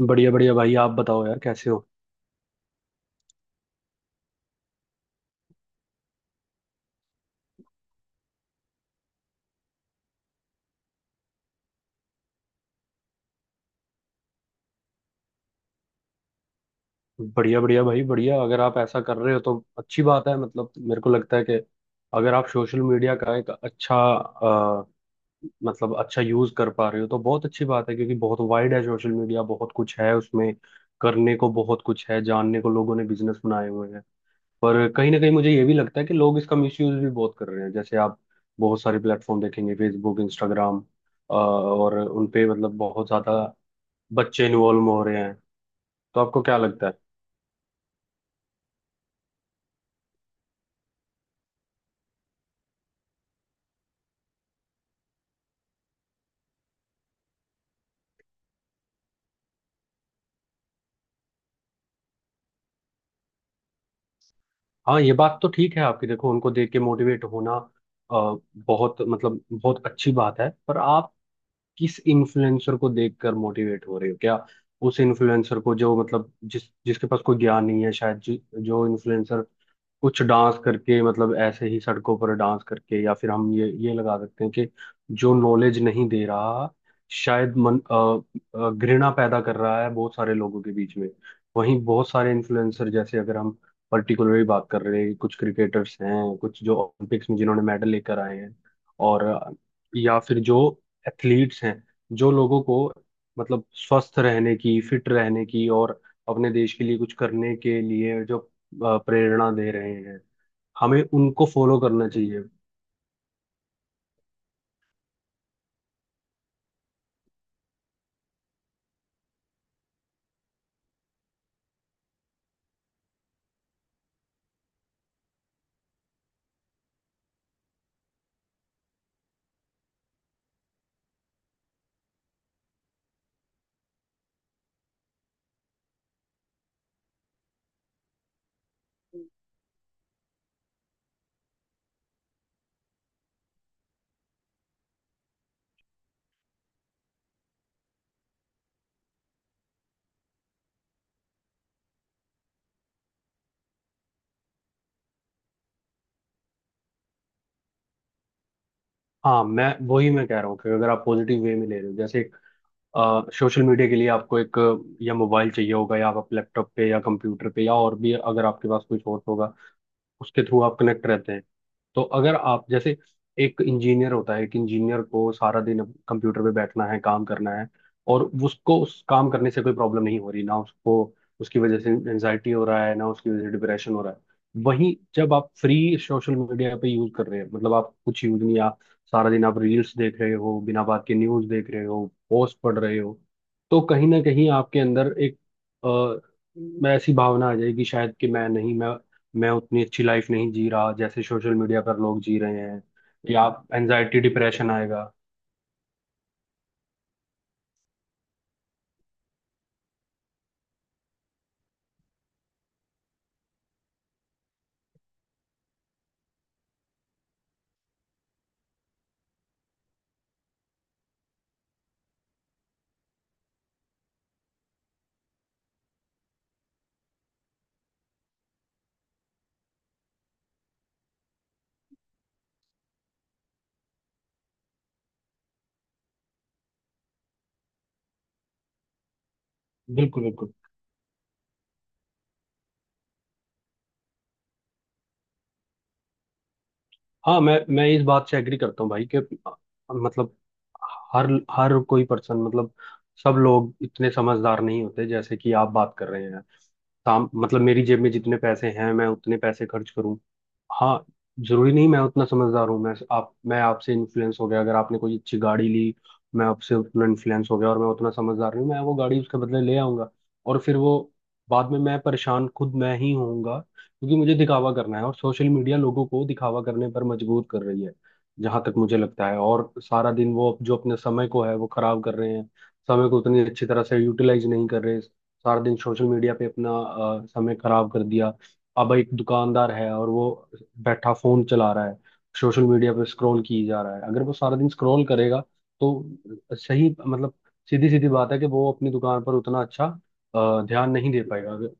बढ़िया बढ़िया भाई, आप बताओ यार, कैसे हो? बढ़िया बढ़िया भाई, बढ़िया। अगर आप ऐसा कर रहे हो तो अच्छी बात है। मतलब मेरे को लगता है कि अगर आप सोशल मीडिया का एक अच्छा मतलब अच्छा यूज कर पा रहे हो तो बहुत अच्छी बात है। क्योंकि बहुत वाइड है सोशल मीडिया, बहुत कुछ है उसमें, करने को बहुत कुछ है, जानने को। लोगों ने बिजनेस बनाए हुए हैं। पर कहीं ना कहीं मुझे ये भी लगता है कि लोग इसका मिसयूज भी बहुत कर रहे हैं। जैसे आप बहुत सारे प्लेटफॉर्म देखेंगे, फेसबुक, इंस्टाग्राम, और उनपे मतलब बहुत ज्यादा बच्चे इन्वॉल्व हो रहे हैं। तो आपको क्या लगता है? हाँ, ये बात तो ठीक है आपकी। देखो, उनको देख के मोटिवेट होना बहुत मतलब बहुत अच्छी बात है। पर आप किस इन्फ्लुएंसर को देखकर मोटिवेट हो रहे हो? क्या उस इन्फ्लुएंसर को जो, मतलब जिसके पास कोई ज्ञान नहीं है, शायद जो इन्फ्लुएंसर कुछ डांस करके, मतलब ऐसे ही सड़कों पर डांस करके, या फिर हम ये लगा सकते हैं कि जो नॉलेज नहीं दे रहा, शायद मन घृणा पैदा कर रहा है बहुत सारे लोगों के बीच में। वहीं बहुत सारे इन्फ्लुएंसर, जैसे अगर हम पर्टिकुलरली बात कर रहे हैं, कुछ क्रिकेटर्स हैं, कुछ जो ओलंपिक्स में जिन्होंने मेडल लेकर आए हैं, और या फिर जो एथलीट्स हैं, जो लोगों को मतलब स्वस्थ रहने की, फिट रहने की, और अपने देश के लिए कुछ करने के लिए जो प्रेरणा दे रहे हैं, हमें उनको फॉलो करना चाहिए। हाँ, मैं कह रहा हूँ कि अगर आप पॉजिटिव वे में ले रहे हो। जैसे सोशल मीडिया के लिए आपको एक या मोबाइल चाहिए होगा, या आप अपने लैपटॉप पे या कंप्यूटर पे, या और भी अगर आपके पास कोई सोर्स होगा, उसके थ्रू आप कनेक्ट रहते हैं। तो अगर आप जैसे, एक इंजीनियर होता है, एक इंजीनियर को सारा दिन कंप्यूटर पे बैठना है, काम करना है, और उसको उस काम करने से कोई प्रॉब्लम नहीं हो रही, ना उसको उसकी वजह से एंजाइटी हो रहा है, ना उसकी वजह से डिप्रेशन हो रहा है। वहीं जब आप फ्री सोशल मीडिया पे यूज कर रहे हैं, मतलब आप कुछ यूज नहीं, सारा दिन आप रील्स देख रहे हो, बिना बात के न्यूज़ देख रहे हो, पोस्ट पढ़ रहे हो, तो कहीं ना कहीं आपके अंदर एक अ, मैं ऐसी भावना आ जाएगी, शायद कि मैं नहीं, मैं उतनी अच्छी लाइफ नहीं जी रहा जैसे सोशल मीडिया पर लोग जी रहे हैं। या आप एनजाइटी, डिप्रेशन आएगा। बिल्कुल बिल्कुल। हाँ, मैं इस बात से एग्री करता हूँ भाई कि मतलब हर हर कोई पर्सन, मतलब सब लोग इतने समझदार नहीं होते जैसे कि आप बात कर रहे हैं। काम, मतलब मेरी जेब में जितने पैसे हैं, मैं उतने पैसे खर्च करूं। हाँ। जरूरी नहीं मैं उतना समझदार हूँ। मैं आपसे इन्फ्लुएंस हो गया, अगर आपने कोई अच्छी गाड़ी ली, मैं आपसे उतना इन्फ्लुएंस हो गया और मैं उतना समझदार नहीं हूं, मैं वो गाड़ी उसके बदले ले आऊंगा। और फिर वो, बाद में मैं परेशान खुद मैं ही होऊंगा, क्योंकि मुझे दिखावा करना है, और सोशल मीडिया लोगों को दिखावा करने पर मजबूर कर रही है, जहां तक मुझे लगता है। और सारा दिन वो जो अपने समय को है वो खराब कर रहे हैं। समय को उतनी अच्छी तरह से यूटिलाइज नहीं कर रहे। सारा दिन सोशल मीडिया पे अपना समय खराब कर दिया। अब एक दुकानदार है और वो बैठा फोन चला रहा है, सोशल मीडिया पे स्क्रॉल की जा रहा है। अगर वो सारा दिन स्क्रॉल करेगा, तो सही मतलब, सीधी सीधी बात है कि वो अपनी दुकान पर उतना अच्छा ध्यान नहीं दे पाएगा।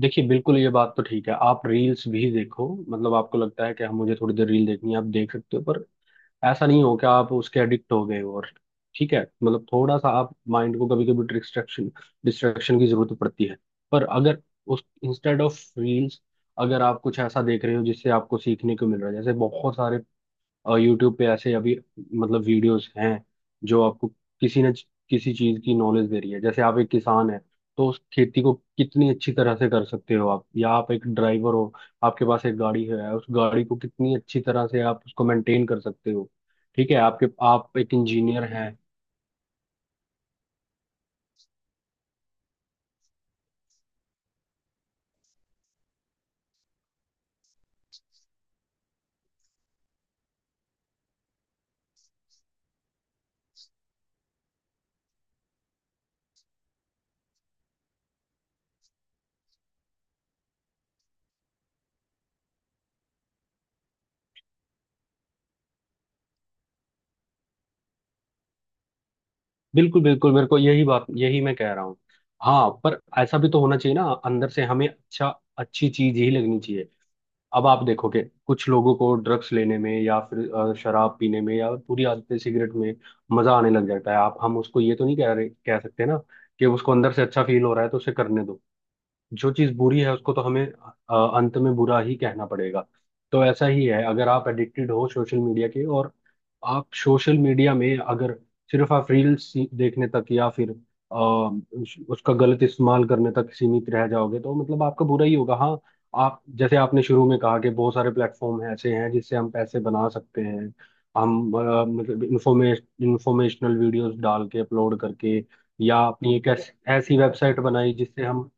देखिए बिल्कुल, ये बात तो ठीक है, आप रील्स भी देखो। मतलब आपको लगता है कि हम, मुझे थोड़ी देर रील देखनी है, आप देख सकते हो। पर ऐसा नहीं हो कि आप उसके एडिक्ट हो गए हो। और ठीक है, मतलब थोड़ा सा आप माइंड को, कभी कभी डिस्ट्रैक्शन डिस्ट्रैक्शन की जरूरत पड़ती है। पर अगर उस इंस्टेड ऑफ रील्स, अगर आप कुछ ऐसा देख रहे हो जिससे आपको सीखने को मिल रहा है, जैसे बहुत सारे, और यूट्यूब पे ऐसे अभी, मतलब वीडियोस हैं जो आपको किसी न किसी चीज की नॉलेज दे रही है। जैसे आप एक किसान है, तो उस खेती को कितनी अच्छी तरह से कर सकते हो आप। या आप एक ड्राइवर हो, आपके पास एक गाड़ी है, उस गाड़ी को कितनी अच्छी तरह से आप उसको मेंटेन कर सकते हो। ठीक है, आपके, आप एक इंजीनियर हैं। बिल्कुल बिल्कुल, मेरे को, यही बात यही मैं कह रहा हूँ। हाँ, पर ऐसा भी तो होना चाहिए ना, अंदर से हमें अच्छा, अच्छी चीज ही लगनी चाहिए। अब आप देखोगे कुछ लोगों को ड्रग्स लेने में, या फिर शराब पीने में, या पूरी आदतें सिगरेट में मजा आने लग जाता है। आप, हम उसको ये तो नहीं कह रहे, कह सकते ना, कि उसको अंदर से अच्छा फील हो रहा है तो उसे करने दो। जो चीज बुरी है उसको तो हमें अंत में बुरा ही कहना पड़ेगा। तो ऐसा ही है, अगर आप एडिक्टेड हो सोशल मीडिया के, और आप सोशल मीडिया में अगर सिर्फ आप रील्स देखने तक, या फिर उसका गलत इस्तेमाल करने तक सीमित रह जाओगे, तो मतलब आपका बुरा ही होगा। हाँ, आप जैसे आपने शुरू में कहा कि बहुत सारे प्लेटफॉर्म ऐसे हैं जिससे हम पैसे बना सकते हैं। हम मतलब इंफॉर्मेशनल वीडियोस डाल के, अपलोड करके, या अपनी एक ऐसी वेबसाइट बनाई जिससे हम।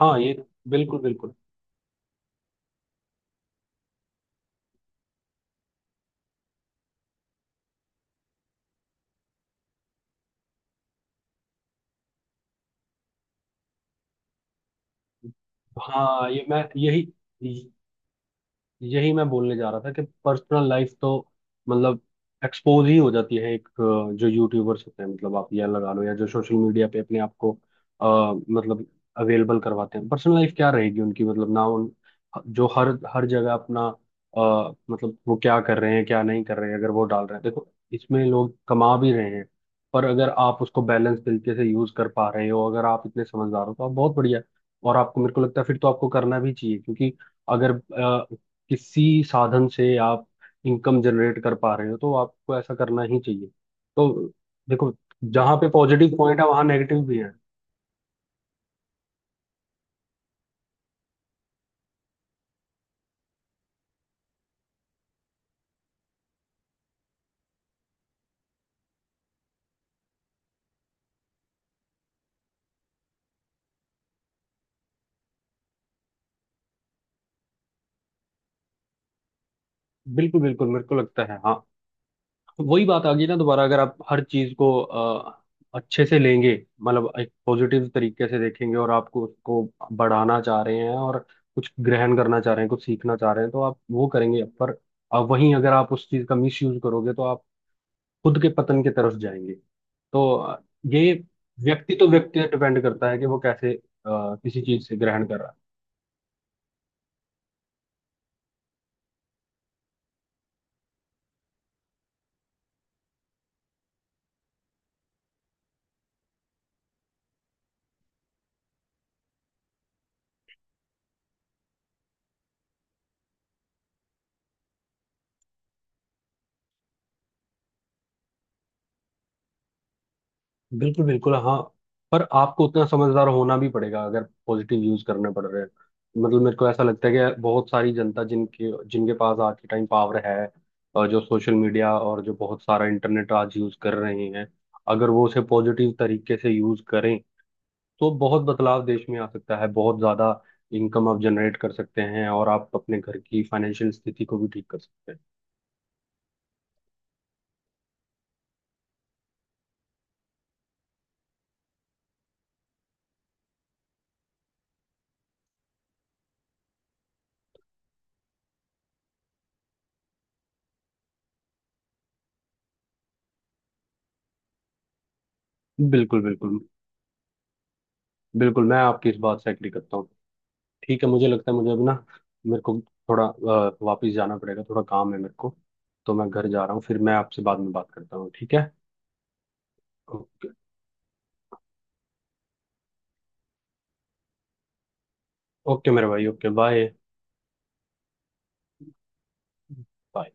हाँ ये बिल्कुल बिल्कुल। हाँ, ये मैं यही यही मैं बोलने जा रहा था कि पर्सनल लाइफ तो, मतलब एक्सपोज ही हो जाती है। एक जो यूट्यूबर्स होते हैं, मतलब आप यह लगा लो, या जो सोशल मीडिया पे अपने आप को अ, मतलब अवेलेबल करवाते हैं, पर्सनल लाइफ क्या रहेगी उनकी? मतलब ना उन, जो हर हर जगह अपना मतलब वो क्या कर रहे हैं क्या नहीं कर रहे हैं, अगर वो डाल रहे हैं। देखो इसमें लोग कमा भी रहे हैं। पर अगर आप उसको बैलेंस तरीके से यूज कर पा रहे हो, अगर आप इतने समझदार हो, तो आप बहुत बढ़िया। और आपको, मेरे को लगता है, फिर तो आपको करना भी चाहिए, क्योंकि अगर किसी साधन से आप इनकम जनरेट कर पा रहे हो, तो आपको ऐसा करना ही चाहिए। तो देखो, जहाँ पे पॉजिटिव पॉइंट है, वहाँ नेगेटिव भी है। बिल्कुल बिल्कुल, मेरे को लगता है हाँ। वही बात आ गई ना दोबारा, अगर आप हर चीज को अच्छे से लेंगे, मतलब एक पॉजिटिव तरीके से देखेंगे, और आपको उसको बढ़ाना चाह रहे हैं, और कुछ ग्रहण करना चाह रहे हैं, कुछ सीखना चाह रहे हैं, तो आप वो करेंगे। पर वहीं अगर आप उस चीज का मिस यूज करोगे, तो आप खुद के पतन की तरफ जाएंगे। तो ये व्यक्ति तो, व्यक्ति डिपेंड करता है कि वो कैसे किसी चीज से ग्रहण कर रहा है। बिल्कुल बिल्कुल। हाँ, पर आपको उतना समझदार होना भी पड़ेगा अगर पॉजिटिव यूज करने पड़ रहे हैं। मतलब मेरे को ऐसा लगता है कि बहुत सारी जनता जिनके जिनके पास आज के टाइम पावर है, और जो सोशल मीडिया और जो बहुत सारा इंटरनेट आज यूज कर रहे हैं, अगर वो उसे पॉजिटिव तरीके से यूज करें, तो बहुत बदलाव देश में आ सकता है, बहुत ज्यादा। इनकम आप जनरेट कर सकते हैं, और आप अपने घर की फाइनेंशियल स्थिति को भी ठीक कर सकते हैं। बिल्कुल बिल्कुल बिल्कुल, मैं आपकी इस बात से एग्री करता हूँ। ठीक है, मुझे लगता है, मुझे अभी ना मेरे को थोड़ा वापिस जाना पड़ेगा, थोड़ा काम है मेरे को। तो मैं घर जा रहा हूँ, फिर मैं आपसे बाद में बात करता हूँ, ठीक है? ओके। ओके मेरे भाई, ओके बाय। बाय।